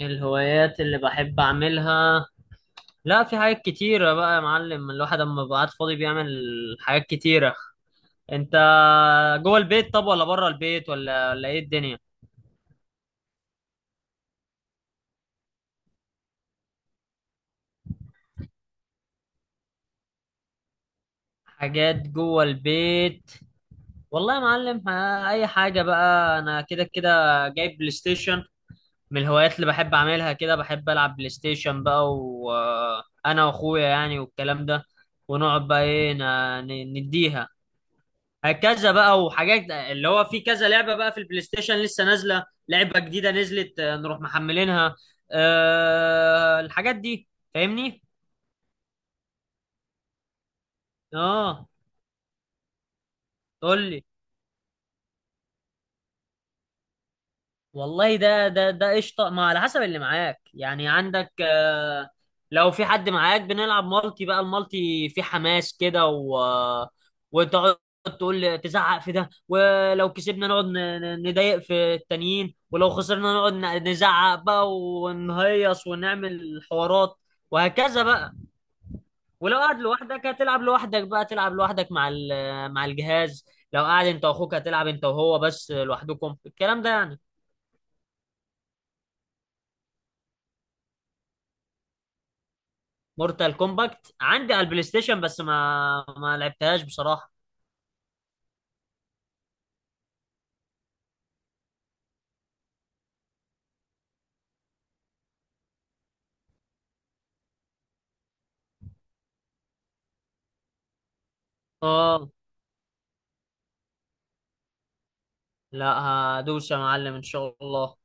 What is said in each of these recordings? الهوايات اللي بحب أعملها. لا، في حاجات كتيرة بقى يا معلم. الواحد أما بيبقى قاعد فاضي بيعمل حاجات كتيرة. أنت جوه البيت طب ولا بره البيت ولا إيه الدنيا؟ حاجات جوه البيت، والله يا معلم. أي حاجة بقى، أنا كده كده جايب بلاي ستيشن. من الهوايات اللي بحب أعملها كده، بحب ألعب بلاي ستيشن بقى وأنا وأخويا يعني والكلام ده. ونقعد بقى إيه، نديها هكذا بقى. وحاجات اللي هو في كذا لعبة بقى في البلاي ستيشن، لسه نازلة لعبة جديدة نزلت نروح محملينها. أه الحاجات دي، فاهمني. اه، قول لي. والله ده قشطه، ما على حسب اللي معاك يعني. عندك لو في حد معاك بنلعب مالتي، بقى المالتي في حماس كده، وتقعد تقول تزعق في ده. ولو كسبنا نقعد نضايق في التانيين، ولو خسرنا نقعد نزعق بقى ونهيص ونعمل حوارات وهكذا بقى. ولو قاعد لوحدك هتلعب لوحدك بقى، تلعب لوحدك مع مع الجهاز. لو قاعد انت واخوك هتلعب انت وهو بس لوحدكم، الكلام ده يعني. مورتال كومباكت عندي على البلاي ستيشن، بس ما لعبتهاش بصراحة. اه، لا، هدوس يا معلم ان شاء الله.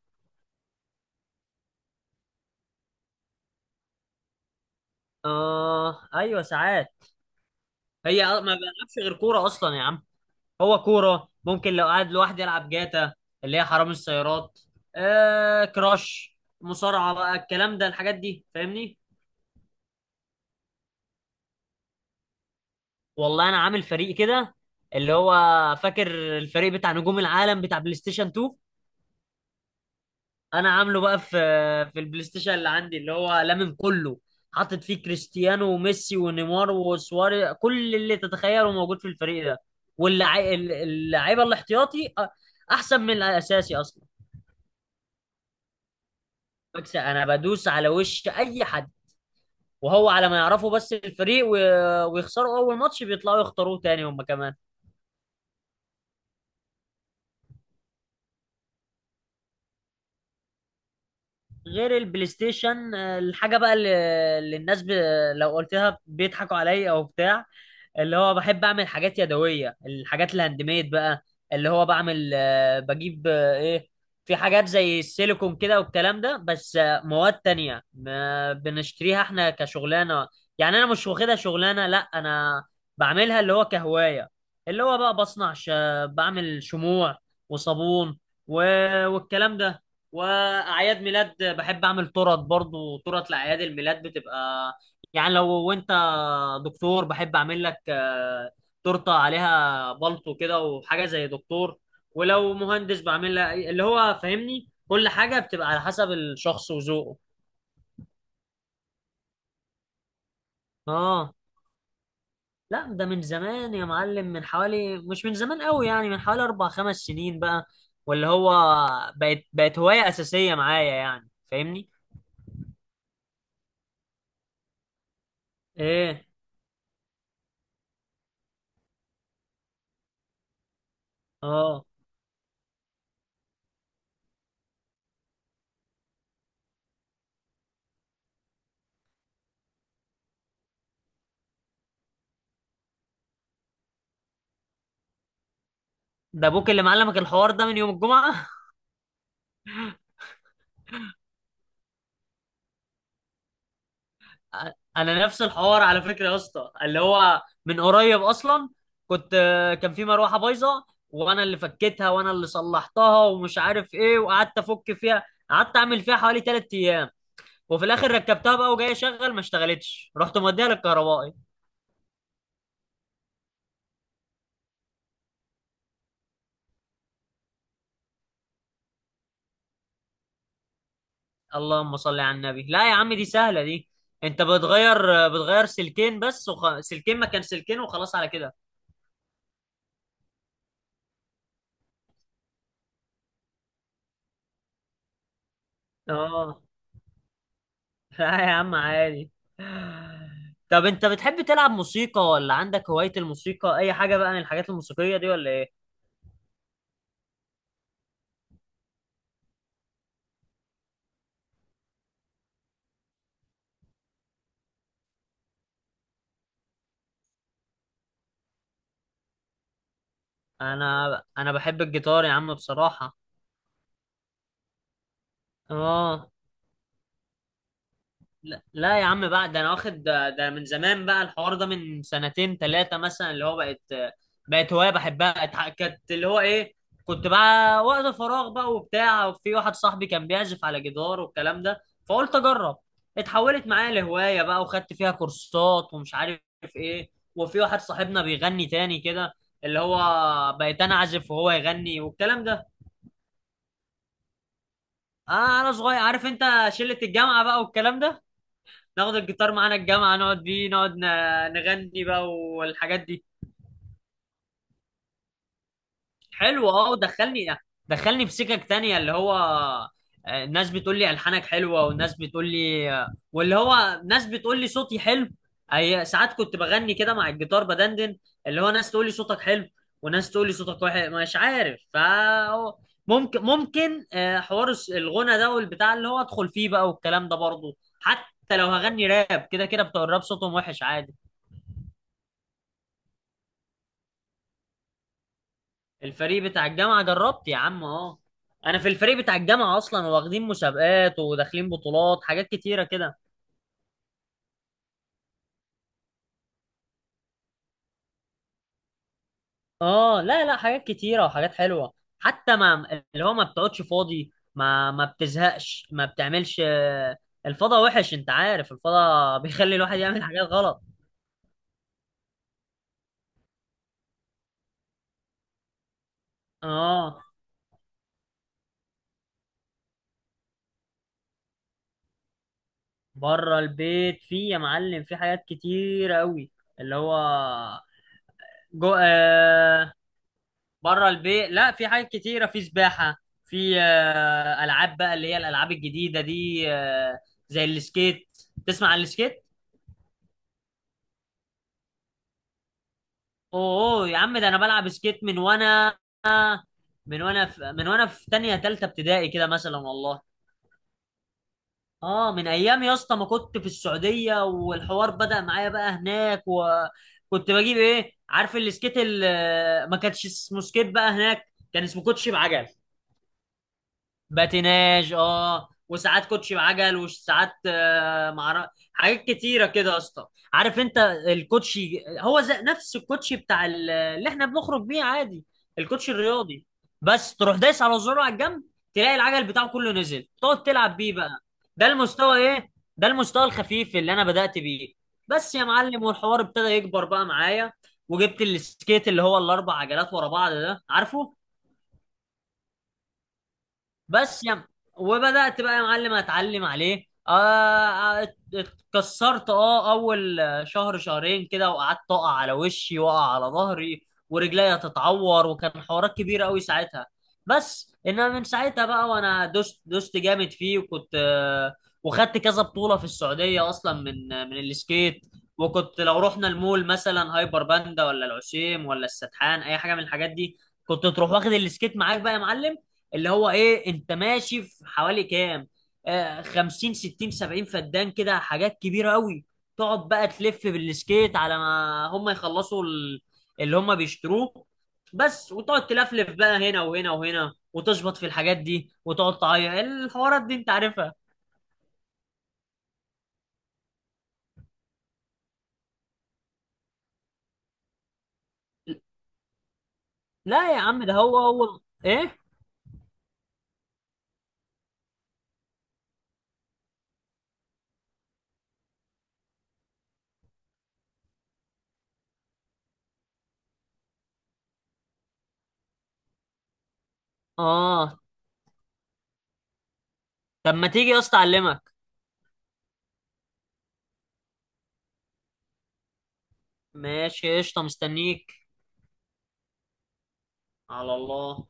اه ايوه ساعات. هي ما بلعبش غير كورة اصلا يا عم. هو كورة، ممكن لو قاعد لوحدي العب جاتا اللي هي حرامي السيارات. آه كراش، مصارعة بقى، الكلام ده الحاجات دي فاهمني. والله انا عامل فريق كده اللي هو، فاكر الفريق بتاع نجوم العالم بتاع بلاي ستيشن 2؟ انا عامله بقى في البلاي ستيشن اللي عندي، اللي هو لامم كله. حاطط فيه كريستيانو وميسي ونيمار وسواري، كل اللي تتخيله موجود في الفريق ده. واللعيبه الاحتياطي احسن من الاساسي اصلا. بكسب، انا بدوس على وش اي حد وهو على ما يعرفوا بس الفريق، ويخسروا اول ماتش بيطلعوا يختاروه تاني هم كمان. غير البلاي ستيشن الحاجه بقى اللي الناس ب... لو قلتها بيضحكوا عليا او بتاع. اللي هو بحب اعمل حاجات يدويه، الحاجات الهاند ميد بقى. اللي هو بعمل بجيب ايه، في حاجات زي السيليكون كده والكلام ده. بس مواد تانية ما بنشتريها احنا كشغلانه يعني، انا مش واخدها شغلانه، لا انا بعملها اللي هو كهوايه. اللي هو بقى بصنع ش... بعمل شموع وصابون و... والكلام ده. واعياد ميلاد بحب اعمل تورت برضو. تورت لاعياد الميلاد بتبقى يعني لو انت دكتور، بحب اعمل لك تورته عليها بلطو كده وحاجه زي دكتور. ولو مهندس بعمل لها اللي هو فاهمني، كل حاجه بتبقى على حسب الشخص وذوقه. اه لا، ده من زمان يا معلم. من حوالي مش من زمان قوي يعني، من حوالي اربع خمس سنين بقى. واللي هو بقت هوايه اساسيه معايا يعني، فاهمني. ايه؟ اه ده ابوك اللي معلمك الحوار ده من يوم الجمعه. انا نفس الحوار على فكره يا اسطى، اللي هو من قريب اصلا. كنت، كان في مروحه بايظه وانا اللي فكيتها وانا اللي صلحتها ومش عارف ايه، وقعدت افك فيها، قعدت اعمل فيها حوالي ثلاث ايام. وفي الاخر ركبتها بقى وجاي اشغل ما اشتغلتش، رحت موديها للكهربائي. اللهم صل على النبي، لا يا عم دي سهله دي. انت بتغير بتغير سلكين بس وخ... سلكين مكان سلكين وخلاص على كده. اه لا يا عم عادي. طب انت بتحب تلعب موسيقى ولا عندك هواية الموسيقى، اي حاجة بقى من الحاجات الموسيقية دي ولا ايه؟ انا بحب الجيتار يا عم بصراحة. اه لا لا يا عم بقى، ده انا واخد ده من زمان بقى. الحوار ده من سنتين ثلاثة مثلا، اللي هو بقت هواية بحبها. كانت اللي هو ايه، كنت بقى وقت فراغ بقى وبتاع، وفي واحد صاحبي كان بيعزف على جدار والكلام ده، فقلت اجرب. اتحولت معايا لهواية بقى وخدت فيها كورسات ومش عارف ايه. وفي واحد صاحبنا بيغني تاني كده، اللي هو بقيت انا اعزف وهو يغني والكلام ده. آه انا صغير، عارف انت، شلة الجامعة بقى والكلام ده. ناخد الجيتار معانا الجامعة نقعد بيه، نقعد نغني بقى والحاجات دي. حلو، اه ودخلني، دخلني في سكك تانية، اللي هو ناس بتقول لي ألحانك حلوة، وناس بتقول لي واللي هو ناس بتقول لي صوتي حلو. أي ساعات كنت بغني كده مع الجيتار بدندن، اللي هو ناس تقول لي صوتك حلو وناس تقول لي صوتك وحش، مش عارف. ف ممكن ممكن حوار الغنى ده والبتاع اللي هو ادخل فيه بقى والكلام ده برضه، حتى لو هغني راب كده كده بتوع الراب صوتهم وحش عادي. الفريق بتاع الجامعة جربت يا عم اهو، انا في الفريق بتاع الجامعة اصلا. واخدين مسابقات وداخلين بطولات، حاجات كتيرة كده. اه لا لا، حاجات كتيرة وحاجات حلوة. حتى ما اللي هو ما بتقعدش فاضي، ما بتزهقش، ما بتعملش الفضا وحش. انت عارف الفضا بيخلي الواحد يعمل حاجات غلط. اه بره البيت، في يا معلم في حاجات كتيرة قوي. اللي هو جو... بره البيت لا، في حاجات كتيره، في سباحه، في العاب بقى اللي هي الالعاب الجديده دي زي السكيت. تسمع عن السكيت؟ اوه، يا عم ده انا بلعب سكيت من وانا، من وانا في تانية تالتة ابتدائي كده مثلا والله. اه من ايام يا اسطى ما كنت في السعوديه، والحوار بدأ معايا بقى هناك. وكنت بجيب ايه، عارف السكيت ما كانش اسمه سكيت بقى هناك، كان اسمه كوتشي بعجل. باتيناج، اه. وساعات كوتشي بعجل وساعات معرف حاجات كتيره كده يا اسطى. عارف انت، الكوتشي هو زي نفس الكوتشي بتاع اللي احنا بنخرج بيه عادي، الكوتشي الرياضي. بس تروح دايس على زرار على الجنب، تلاقي العجل بتاعه كله نزل، تقعد تلعب بيه بقى. ده المستوى ايه، ده المستوى الخفيف اللي انا بدأت بيه. بس يا معلم، والحوار ابتدى يكبر بقى معايا، وجبت السكيت اللي هو الاربع عجلات ورا بعض ده، عارفه. بس وبدأت بقى يا معلم اتعلم عليه. آه آه، اتكسرت، اه اول شهر شهرين كده. وقعدت اقع على وشي واقع على ظهري ورجليا تتعور، وكان حوارات كبيره قوي ساعتها. بس انما من ساعتها بقى وانا دوست جامد فيه. وكنت وخدت كذا بطوله في السعوديه اصلا من من السكيت. وكنت لو رحنا المول مثلا، هايبر باندا ولا العسيم ولا السدحان، اي حاجه من الحاجات دي، كنت تروح واخد السكيت معاك بقى يا معلم. اللي هو ايه، انت ماشي في حوالي كام، آه 50 60 70 فدان كده، حاجات كبيره قوي. تقعد بقى تلف بالسكيت على ما هم يخلصوا اللي هم بيشتروه بس. وتقعد تلفلف بقى هنا وهنا وهنا، وتشبط في الحاجات دي وتقعد تعيط، الحوارات دي انت عارفها. لا يا عم ده هو ايه. اه طب ما تيجي يا اسطى اعلمك. ماشي قشطه مستنيك. على الله.